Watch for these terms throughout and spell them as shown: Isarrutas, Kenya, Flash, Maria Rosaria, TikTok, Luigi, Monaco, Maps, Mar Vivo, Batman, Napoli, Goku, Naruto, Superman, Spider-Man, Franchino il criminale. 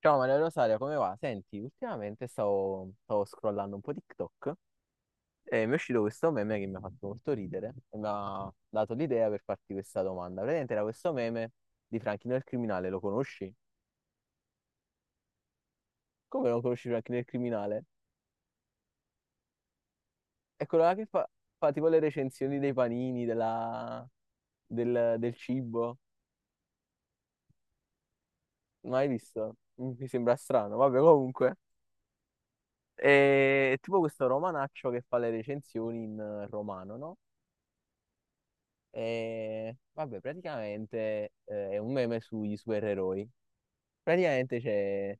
Ciao Maria Rosaria, come va? Senti, ultimamente stavo scrollando un po' TikTok e mi è uscito questo meme che mi ha fatto molto ridere e mi ha dato l'idea per farti questa domanda. Praticamente era questo meme di Franchino il criminale, lo conosci? Come non conosci Franchino il criminale? È quello là che fa tipo le recensioni dei panini, del cibo. Mai visto? Mi sembra strano, vabbè comunque. È tipo questo romanaccio che fa le recensioni in romano, no? E vabbè, praticamente è un meme sugli supereroi. Praticamente c'è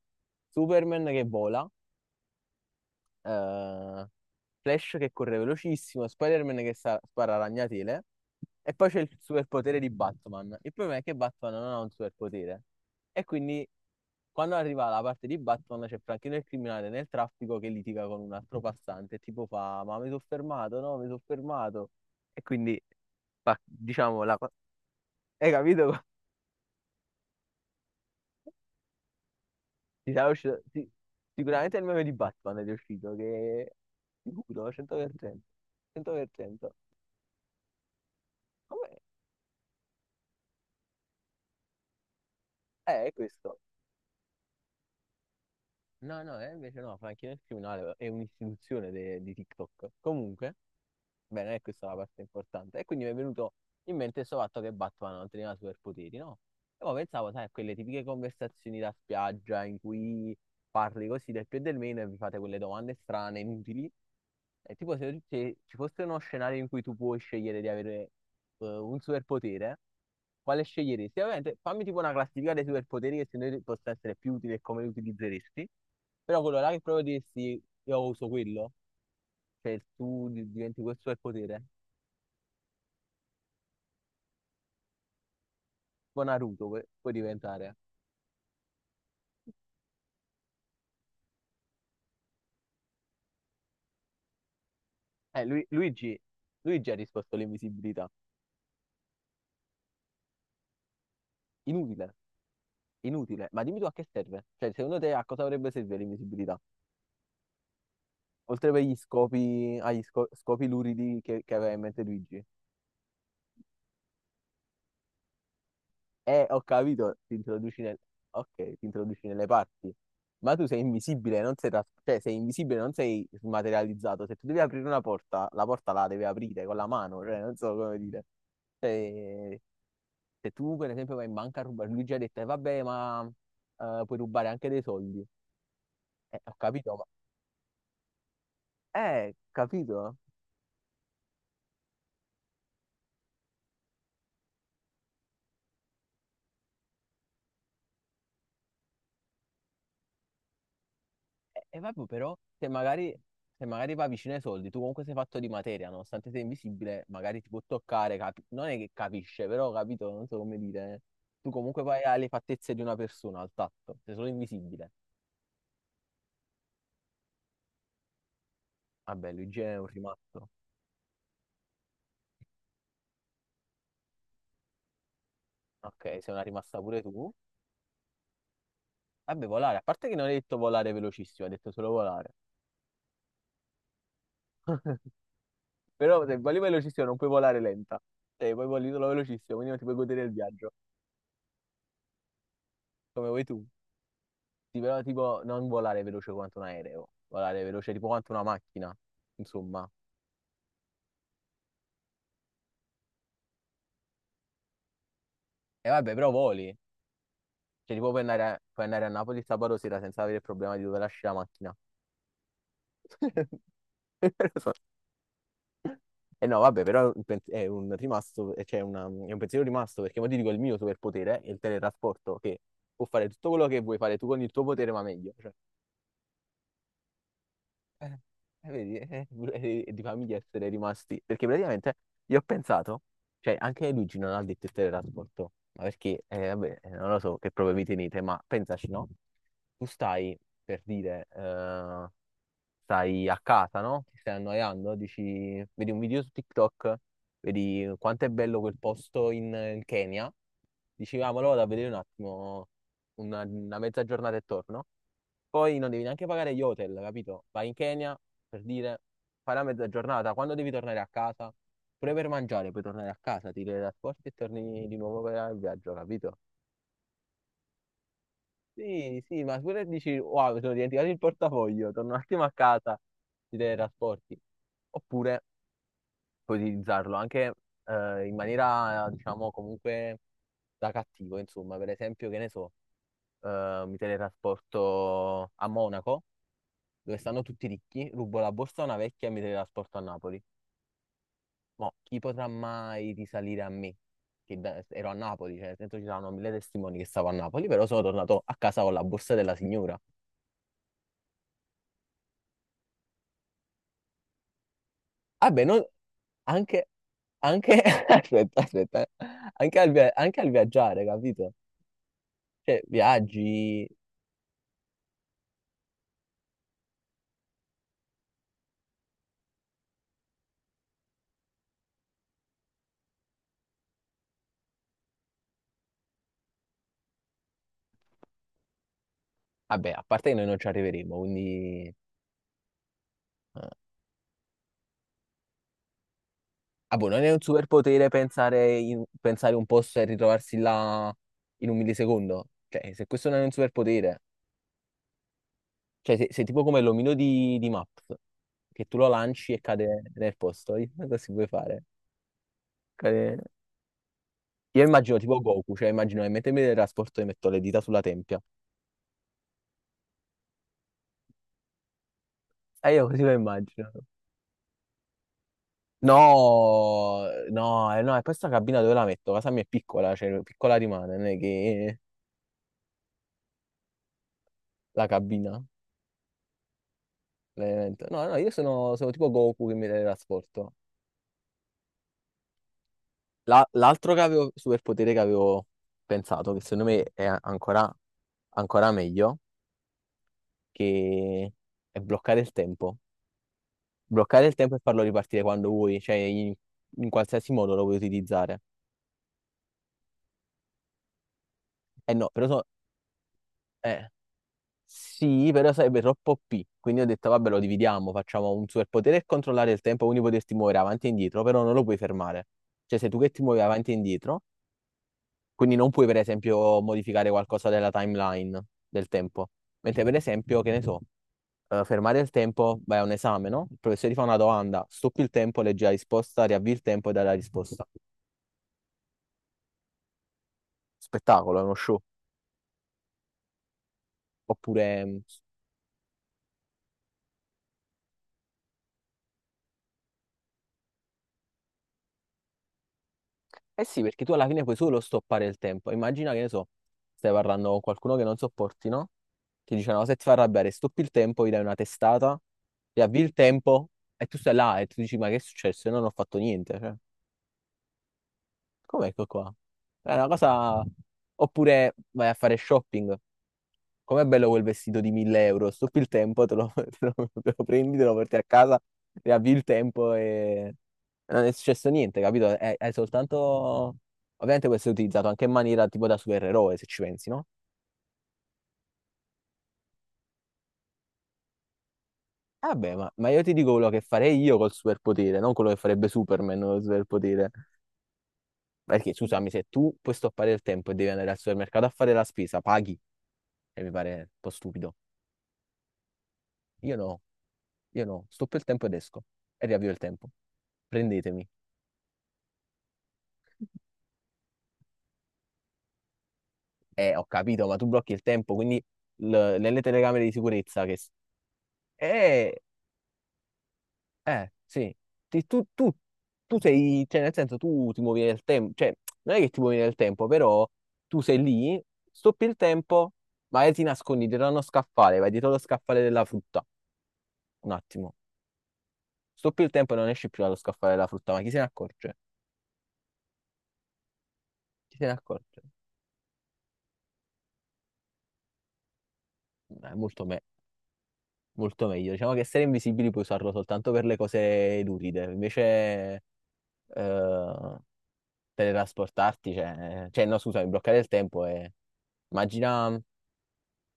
Superman che vola, eh, Flash che corre velocissimo, Spider-Man che spara ragnatele e poi c'è il superpotere di Batman. Il problema è che Batman non ha un superpotere e quindi quando arriva la parte di Batman c'è Franchino il criminale nel traffico che litiga con un altro passante, tipo fa ma mi sono fermato, no, mi sono fermato e quindi diciamo la, hai capito? Ti sarà uscito- ti- Sicuramente è il meme di Batman ed è uscito, che sicuro, 100%. 100%. Come... è questo. No, no, invece no, fa anche il criminale, è un'istituzione di TikTok. Comunque, beh, non è questa è la parte importante. E quindi mi è venuto in mente questo fatto che Batman non teneva superpoteri, no? E poi pensavo, sai, a quelle tipiche conversazioni da spiaggia in cui parli così del più e del meno e vi fate quelle domande strane, inutili. È tipo se, se ci fosse uno scenario in cui tu puoi scegliere di avere un superpotere, quale sceglieresti? Ovviamente fammi tipo una classifica dei superpoteri che secondo te possono essere più utili e come li utilizzeresti. Però quello là che proprio diresti, io uso quello, cioè tu diventi questo superpotere. Tipo Naruto puoi diventare. Eh, Lu- Luigi, Luigi ha risposto all'invisibilità. Inutile, inutile. Ma dimmi tu a che serve? Cioè, secondo te a cosa dovrebbe servire l'invisibilità? Oltre per gli scopi, agli scopi luridi che aveva in mente Luigi. Ho capito, ti introduci nel... Ok, ti introduci nelle parti. Ma tu sei invisibile, non sei, cioè, sei invisibile, non sei smaterializzato. Se tu devi aprire una porta la devi aprire con la mano, cioè, non so come dire. Cioè, se tu, per esempio, vai in banca a rubare, lui ci ha detto, vabbè, ma puoi rubare anche dei soldi. Ho capito, ma... capito? Vabbè, però, se magari va vicino ai soldi, tu comunque sei fatto di materia, nonostante sei invisibile, magari ti può toccare, non è che capisce, però, capito, non so come dire. Tu comunque vai alle fattezze di una persona, al tatto, sei solo invisibile. Vabbè, Luigi è un rimasto. Ok, sei una rimasta pure tu. Vabbè, volare, a parte che non hai detto volare velocissimo, hai detto solo volare. Però se voli velocissimo non puoi volare lenta. Cioè, puoi volare solo velocissimo, quindi non ti puoi godere il viaggio, come vuoi tu. Sì, però tipo non volare veloce quanto un aereo, volare veloce tipo quanto una macchina, insomma. E vabbè, però voli. Cioè, tipo puoi andare a Napoli sabato sera senza avere il problema di dove lasci la macchina. E no, vabbè, però un è un rimasto, cioè una- è un pensiero rimasto, perché mo ti dico il mio superpotere è il teletrasporto, che può fare tutto quello che vuoi fare tu con il tuo potere, ma meglio. Cioè, Eh, eh, vedi, eh, di famiglia essere rimasti, perché praticamente io ho pensato, cioè anche Luigi non ha detto il teletrasporto, ma perché, vabbè, non lo so che prove vi tenete, ma pensaci, no? Tu stai, per dire, stai a casa, no? Ti stai annoiando, dici, vedi un video su TikTok, vedi quanto è bello quel posto in, in Kenya, dici, ah, ma lo vado a vedere un attimo, una mezza giornata e torno. Poi non devi neanche pagare gli hotel, capito? Vai in Kenya per dire, fai la mezza giornata, quando devi tornare a casa, pure per mangiare, puoi tornare a casa, ti teletrasporti e torni di nuovo per il viaggio, capito? Sì, sì, ma pure dici, wow, mi sono dimenticato il portafoglio, torno un attimo a casa, ti teletrasporti. Oppure puoi utilizzarlo anche in maniera, diciamo, comunque da cattivo, insomma, per esempio, che ne so, mi teletrasporto a Monaco dove stanno tutti ricchi, rubo la borsa a una vecchia e mi teletrasporto a Napoli. Mo, chi potrà mai risalire a me? Che ero a Napoli, cioè, nel senso ci saranno mille testimoni che stavo a Napoli, però sono tornato a casa con la borsa della signora. Vabbè, non, anche, anche, aspetta, aspetta, eh. Anche al viaggiare, capito? Cioè, viaggi, vabbè, a parte che noi non ci arriveremo, quindi... eh. Ah, boh, non è un superpotere pensare, pensare un posto e ritrovarsi là in un millisecondo. Cioè, se questo non è un superpotere, cioè, sei tipo come l'omino di Maps, che tu lo lanci e cade nel posto. Così puoi fare. Cade- Io immagino tipo Goku, cioè immagino che mentre mi teletrasporto e metto le dita sulla tempia. E io così lo immagino. No, no, no, e poi sta cabina dove la metto? Casa mia è piccola, cioè piccola rimane, non è che la cabina. Veramente. No, no, io sono, sono tipo Goku che mi teletrasporto. L'altro che avevo, superpotere che avevo pensato, che secondo me è ancora, ancora meglio, che è bloccare il tempo. Bloccare il tempo e farlo ripartire quando vuoi, cioè in, in qualsiasi modo lo puoi utilizzare. Eh no, però so- eh, sì, però sarebbe troppo OP. Quindi ho detto, vabbè, lo dividiamo, facciamo un superpotere e controllare il tempo, quindi poterti muovere avanti e indietro, però non lo puoi fermare. Cioè, sei tu che ti muovi avanti e indietro. Quindi non puoi, per esempio, modificare qualcosa della timeline del tempo. Mentre, per esempio, che ne so, fermare il tempo, vai a un esame, no? Il professore ti fa una domanda, stoppi il tempo, leggi la risposta, riavvi il tempo e dai la risposta. Spettacolo, è uno show. Oppure, mm, eh sì, perché tu alla fine puoi solo stoppare il tempo. Immagina che ne so, stai parlando con qualcuno che non sopporti, no? Ti dice una cosa e ti fa arrabbiare, stoppi il tempo, gli dai una testata, riavvi il tempo e tu stai là e tu dici, ma che è successo? Io non ho fatto niente, cioè. Come ecco qua? È una cosa... Oppure vai a fare shopping. Com'è bello quel vestito di 1.000 euro? Stupi il tempo, te lo, te lo prendi, te lo porti a casa, ti avvi il tempo e... Non è successo niente, capito? È soltanto... Ovviamente questo è utilizzato anche in maniera tipo da supereroe, se ci pensi, no? Eh vabbè, ma io ti dico quello che farei io col superpotere, non quello che farebbe Superman col superpotere. Perché, scusami, se tu puoi stoppare il tempo e devi andare al supermercato a fare la spesa, paghi, e mi pare un po' stupido. Io no. Io no, stoppo il tempo ed esco e riavvio il tempo. Prendetemi. Ho capito, ma tu blocchi il tempo, quindi nelle telecamere di sicurezza che... Eh, sì. Ti- tu, tu- tu sei, cioè nel senso tu ti muovi nel tempo, cioè non è che ti muovi nel tempo, però tu sei lì, stoppi il tempo, magari ti nascondi dietro a uno scaffale, vai dietro lo scaffale della frutta. Un attimo. Stoppi il tempo e non esci più dallo scaffale della frutta, ma chi se ne accorge? Chi se ne accorge? Molto me. Molto meglio. Diciamo che essere invisibili puoi usarlo soltanto per le cose luride, invece eh, teletrasportarti, cioè, cioè no, scusami, bloccare il tempo e immagina,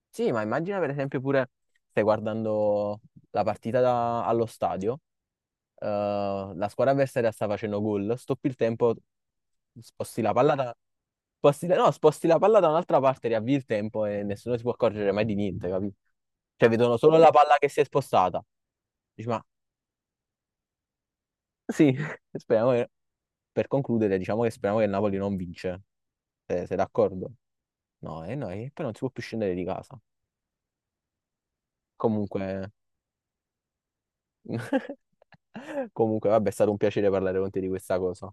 sì, ma immagina per esempio pure stai guardando la partita allo stadio, eh, la squadra avversaria sta facendo gol, stoppi il tempo, sposti la palla da, sposti la- no, sposti la palla da un'altra parte, riavvi il tempo e nessuno si può accorgere mai di niente, capito? Cioè vedono solo la palla che si è spostata. Dici, ma sì, speriamo che- per concludere, diciamo che speriamo che il Napoli non vince. Sei, d'accordo? No, e no, e poi non si può più scendere di casa. Comunque, comunque, vabbè, è stato un piacere parlare con te di questa cosa.